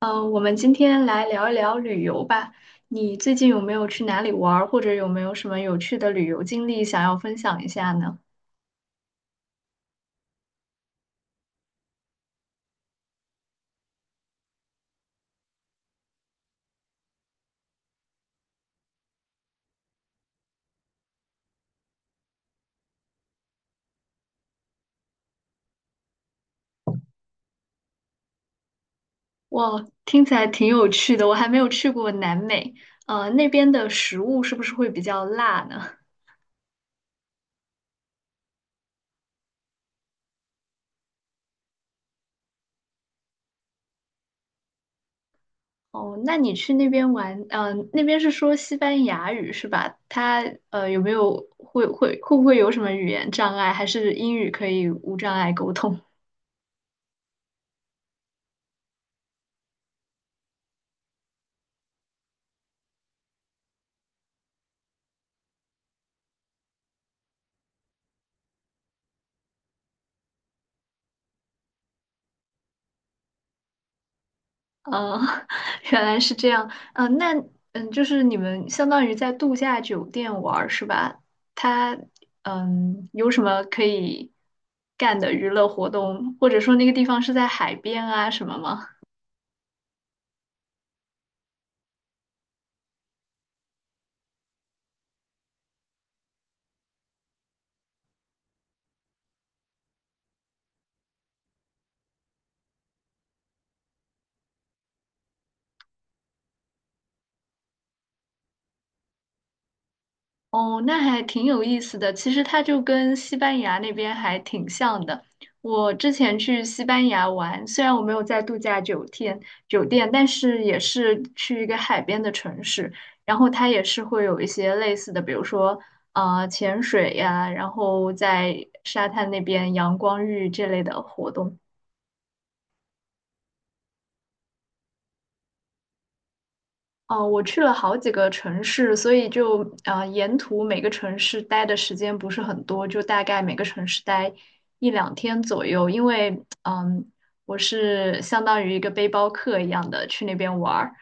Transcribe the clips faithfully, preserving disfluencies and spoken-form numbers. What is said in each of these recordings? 嗯，我们今天来聊一聊旅游吧。你最近有没有去哪里玩儿，或者有没有什么有趣的旅游经历想要分享一下呢？哇，听起来挺有趣的，我还没有去过南美。呃，那边的食物是不是会比较辣呢？哦，那你去那边玩，嗯，那边是说西班牙语是吧？它呃有没有会会会不会有什么语言障碍，还是英语可以无障碍沟通？嗯，原来是这样。嗯，那嗯，就是你们相当于在度假酒店玩儿是吧？它嗯有什么可以干的娱乐活动，或者说那个地方是在海边啊什么吗？哦，那还挺有意思的。其实它就跟西班牙那边还挺像的。我之前去西班牙玩，虽然我没有在度假酒店酒店，但是也是去一个海边的城市，然后它也是会有一些类似的，比如说呃潜水呀，然后在沙滩那边阳光浴这类的活动。哦，我去了好几个城市，所以就啊，沿途每个城市待的时间不是很多，就大概每个城市待一两天左右。因为嗯，我是相当于一个背包客一样的去那边玩儿。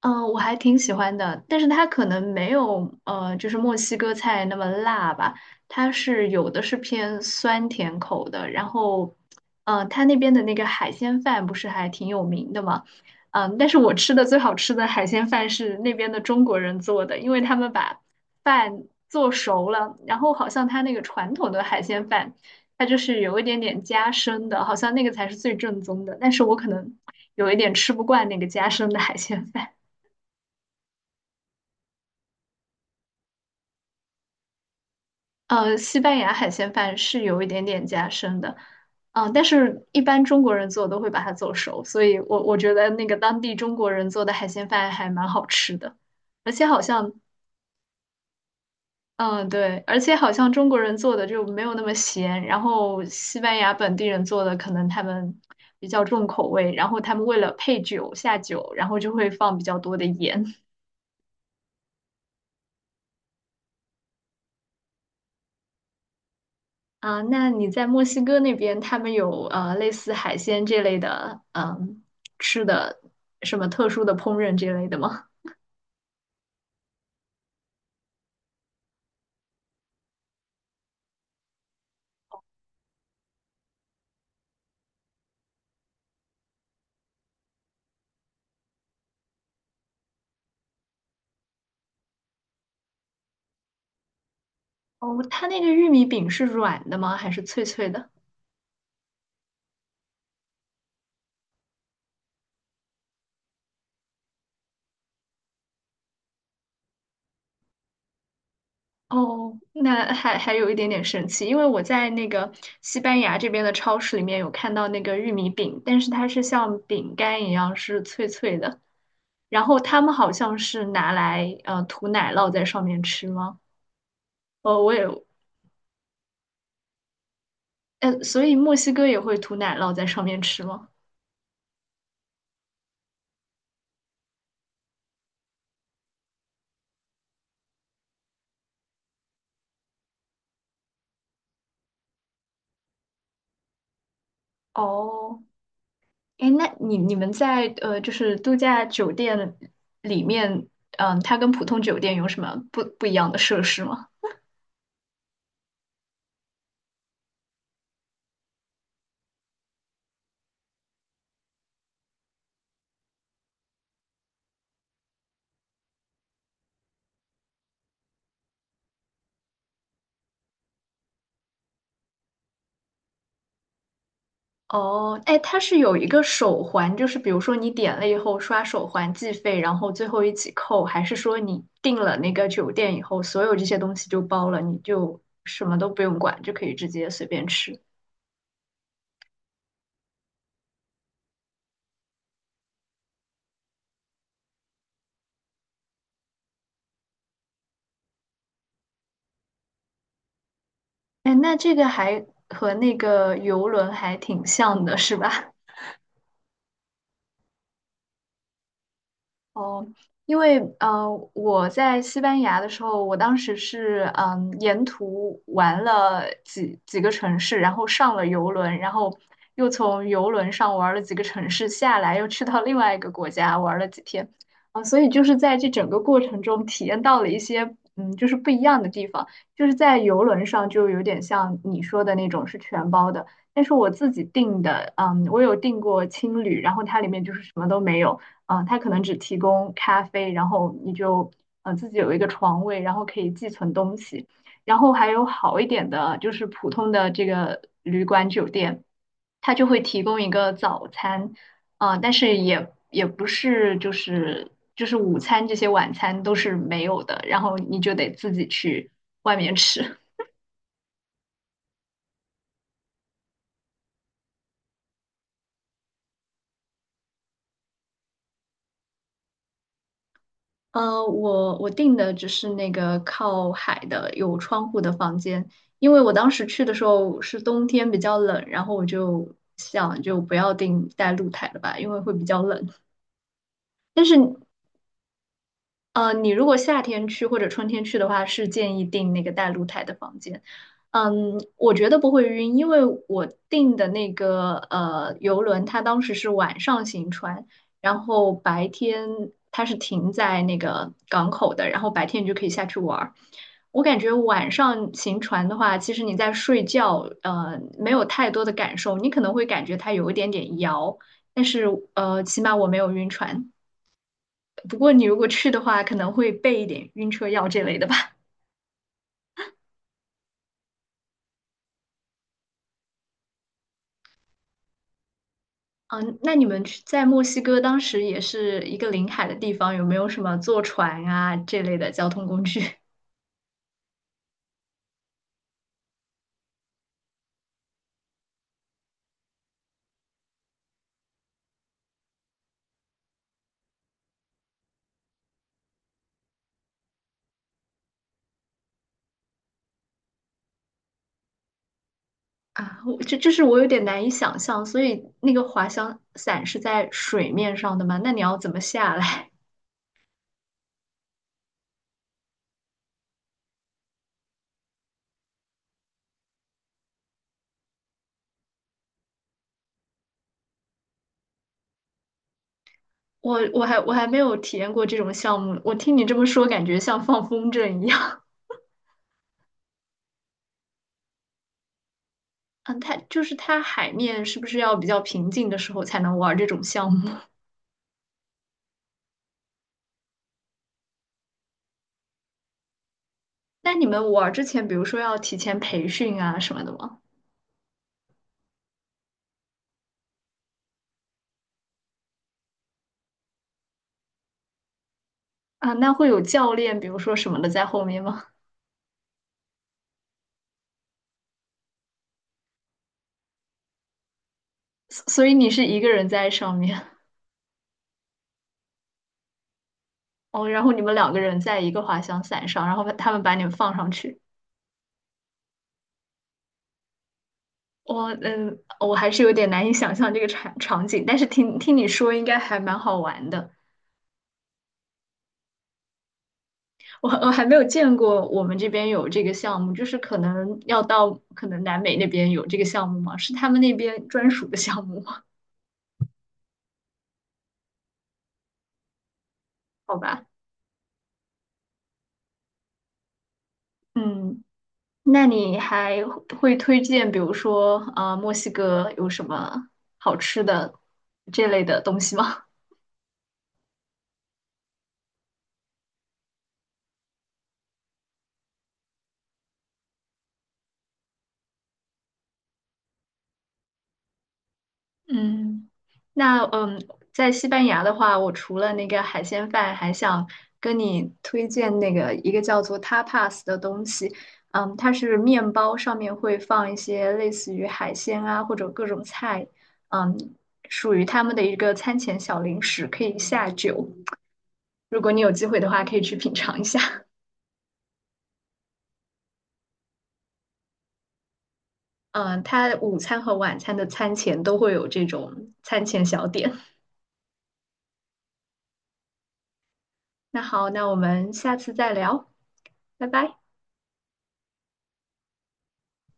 嗯，呃我还挺喜欢的，但是它可能没有呃，就是墨西哥菜那么辣吧。它是有的是偏酸甜口的，然后，呃，它那边的那个海鲜饭不是还挺有名的嘛？嗯，但是我吃的最好吃的海鲜饭是那边的中国人做的，因为他们把饭做熟了，然后好像他那个传统的海鲜饭，它就是有一点点夹生的，好像那个才是最正宗的，但是我可能有一点吃不惯那个夹生的海鲜饭。呃，西班牙海鲜饭是有一点点夹生的。嗯、但是一般中国人做都会把它做熟，所以我我觉得那个当地中国人做的海鲜饭还蛮好吃的，而且好像，嗯、对，而且好像中国人做的就没有那么咸，然后西班牙本地人做的可能他们比较重口味，然后他们为了配酒下酒，然后就会放比较多的盐。啊，那你在墨西哥那边，他们有呃类似海鲜这类的，嗯，吃的什么特殊的烹饪这类的吗？哦，它那个玉米饼是软的吗？还是脆脆的？哦，那还还有一点点神奇，因为我在那个西班牙这边的超市里面有看到那个玉米饼，但是它是像饼干一样是脆脆的，然后他们好像是拿来呃涂奶酪在上面吃吗？哦，我也呃，所以墨西哥也会涂奶酪在上面吃吗？哦，哎，那你你们在呃，就是度假酒店里面，嗯，它跟普通酒店有什么不不一样的设施吗？哦，哎，它是有一个手环，就是比如说你点了以后刷手环计费，然后最后一起扣，还是说你订了那个酒店以后，所有这些东西就包了，你就什么都不用管，就可以直接随便吃？哎，那这个还和那个游轮还挺像的，是吧？哦，因为呃，我在西班牙的时候，我当时是嗯，沿途玩了几几个城市，然后上了游轮，然后又从游轮上玩了几个城市下来，又去到另外一个国家玩了几天。啊，所以就是在这整个过程中体验到了一些嗯，就是不一样的地方。就是在游轮上就有点像你说的那种是全包的，但是我自己订的，嗯，我有订过青旅，然后它里面就是什么都没有。啊，呃它可能只提供咖啡，然后你就呃自己有一个床位，然后可以寄存东西。然后还有好一点的，就是普通的这个旅馆酒店，它就会提供一个早餐。啊、但是也也不是就是就是午餐这些晚餐都是没有的，然后你就得自己去外面吃。呃，我我订的只是那个靠海的有窗户的房间，因为我当时去的时候是冬天比较冷，然后我就想就不要订带露台的吧，因为会比较冷。但是呃，你如果夏天去或者春天去的话，是建议订那个带露台的房间。嗯，我觉得不会晕，因为我订的那个呃游轮，它当时是晚上行船，然后白天它是停在那个港口的，然后白天你就可以下去玩儿。我感觉晚上行船的话，其实你在睡觉，呃，没有太多的感受，你可能会感觉它有一点点摇，但是呃，起码我没有晕船。不过你如果去的话，可能会备一点晕车药这类的吧。嗯，那你们去在墨西哥当时也是一个临海的地方，有没有什么坐船啊这类的交通工具。 啊？我这就是我有点难以想象，所以那个滑翔伞是在水面上的吗？那你要怎么下来？我我还我还没有体验过这种项目，我听你这么说，感觉像放风筝一样。嗯，它就是它海面是不是要比较平静的时候才能玩这种项目？那你们玩儿之前，比如说要提前培训啊什么的吗？啊，那会有教练，比如说什么的在后面吗？所所以你是一个人在上面？哦，然后你们两个人在一个滑翔伞上，然后他们把你们放上去。我嗯，我还是有点难以想象这个场场景，但是听听你说应该还蛮好玩的。我我还没有见过我们这边有这个项目，就是可能要到可能南美那边有这个项目吗？是他们那边专属的项目吗？好吧。嗯，那你还会推荐，比如说，呃，墨西哥有什么好吃的这类的东西吗？嗯，那嗯，在西班牙的话，我除了那个海鲜饭，还想跟你推荐那个一个叫做 tapas 的东西。嗯，它是面包上面会放一些类似于海鲜啊或者各种菜，嗯，属于他们的一个餐前小零食，可以下酒。如果你有机会的话，可以去品尝一下。嗯、他它午餐和晚餐的餐前都会有这种餐前小点。那好，那我们下次再聊，拜拜。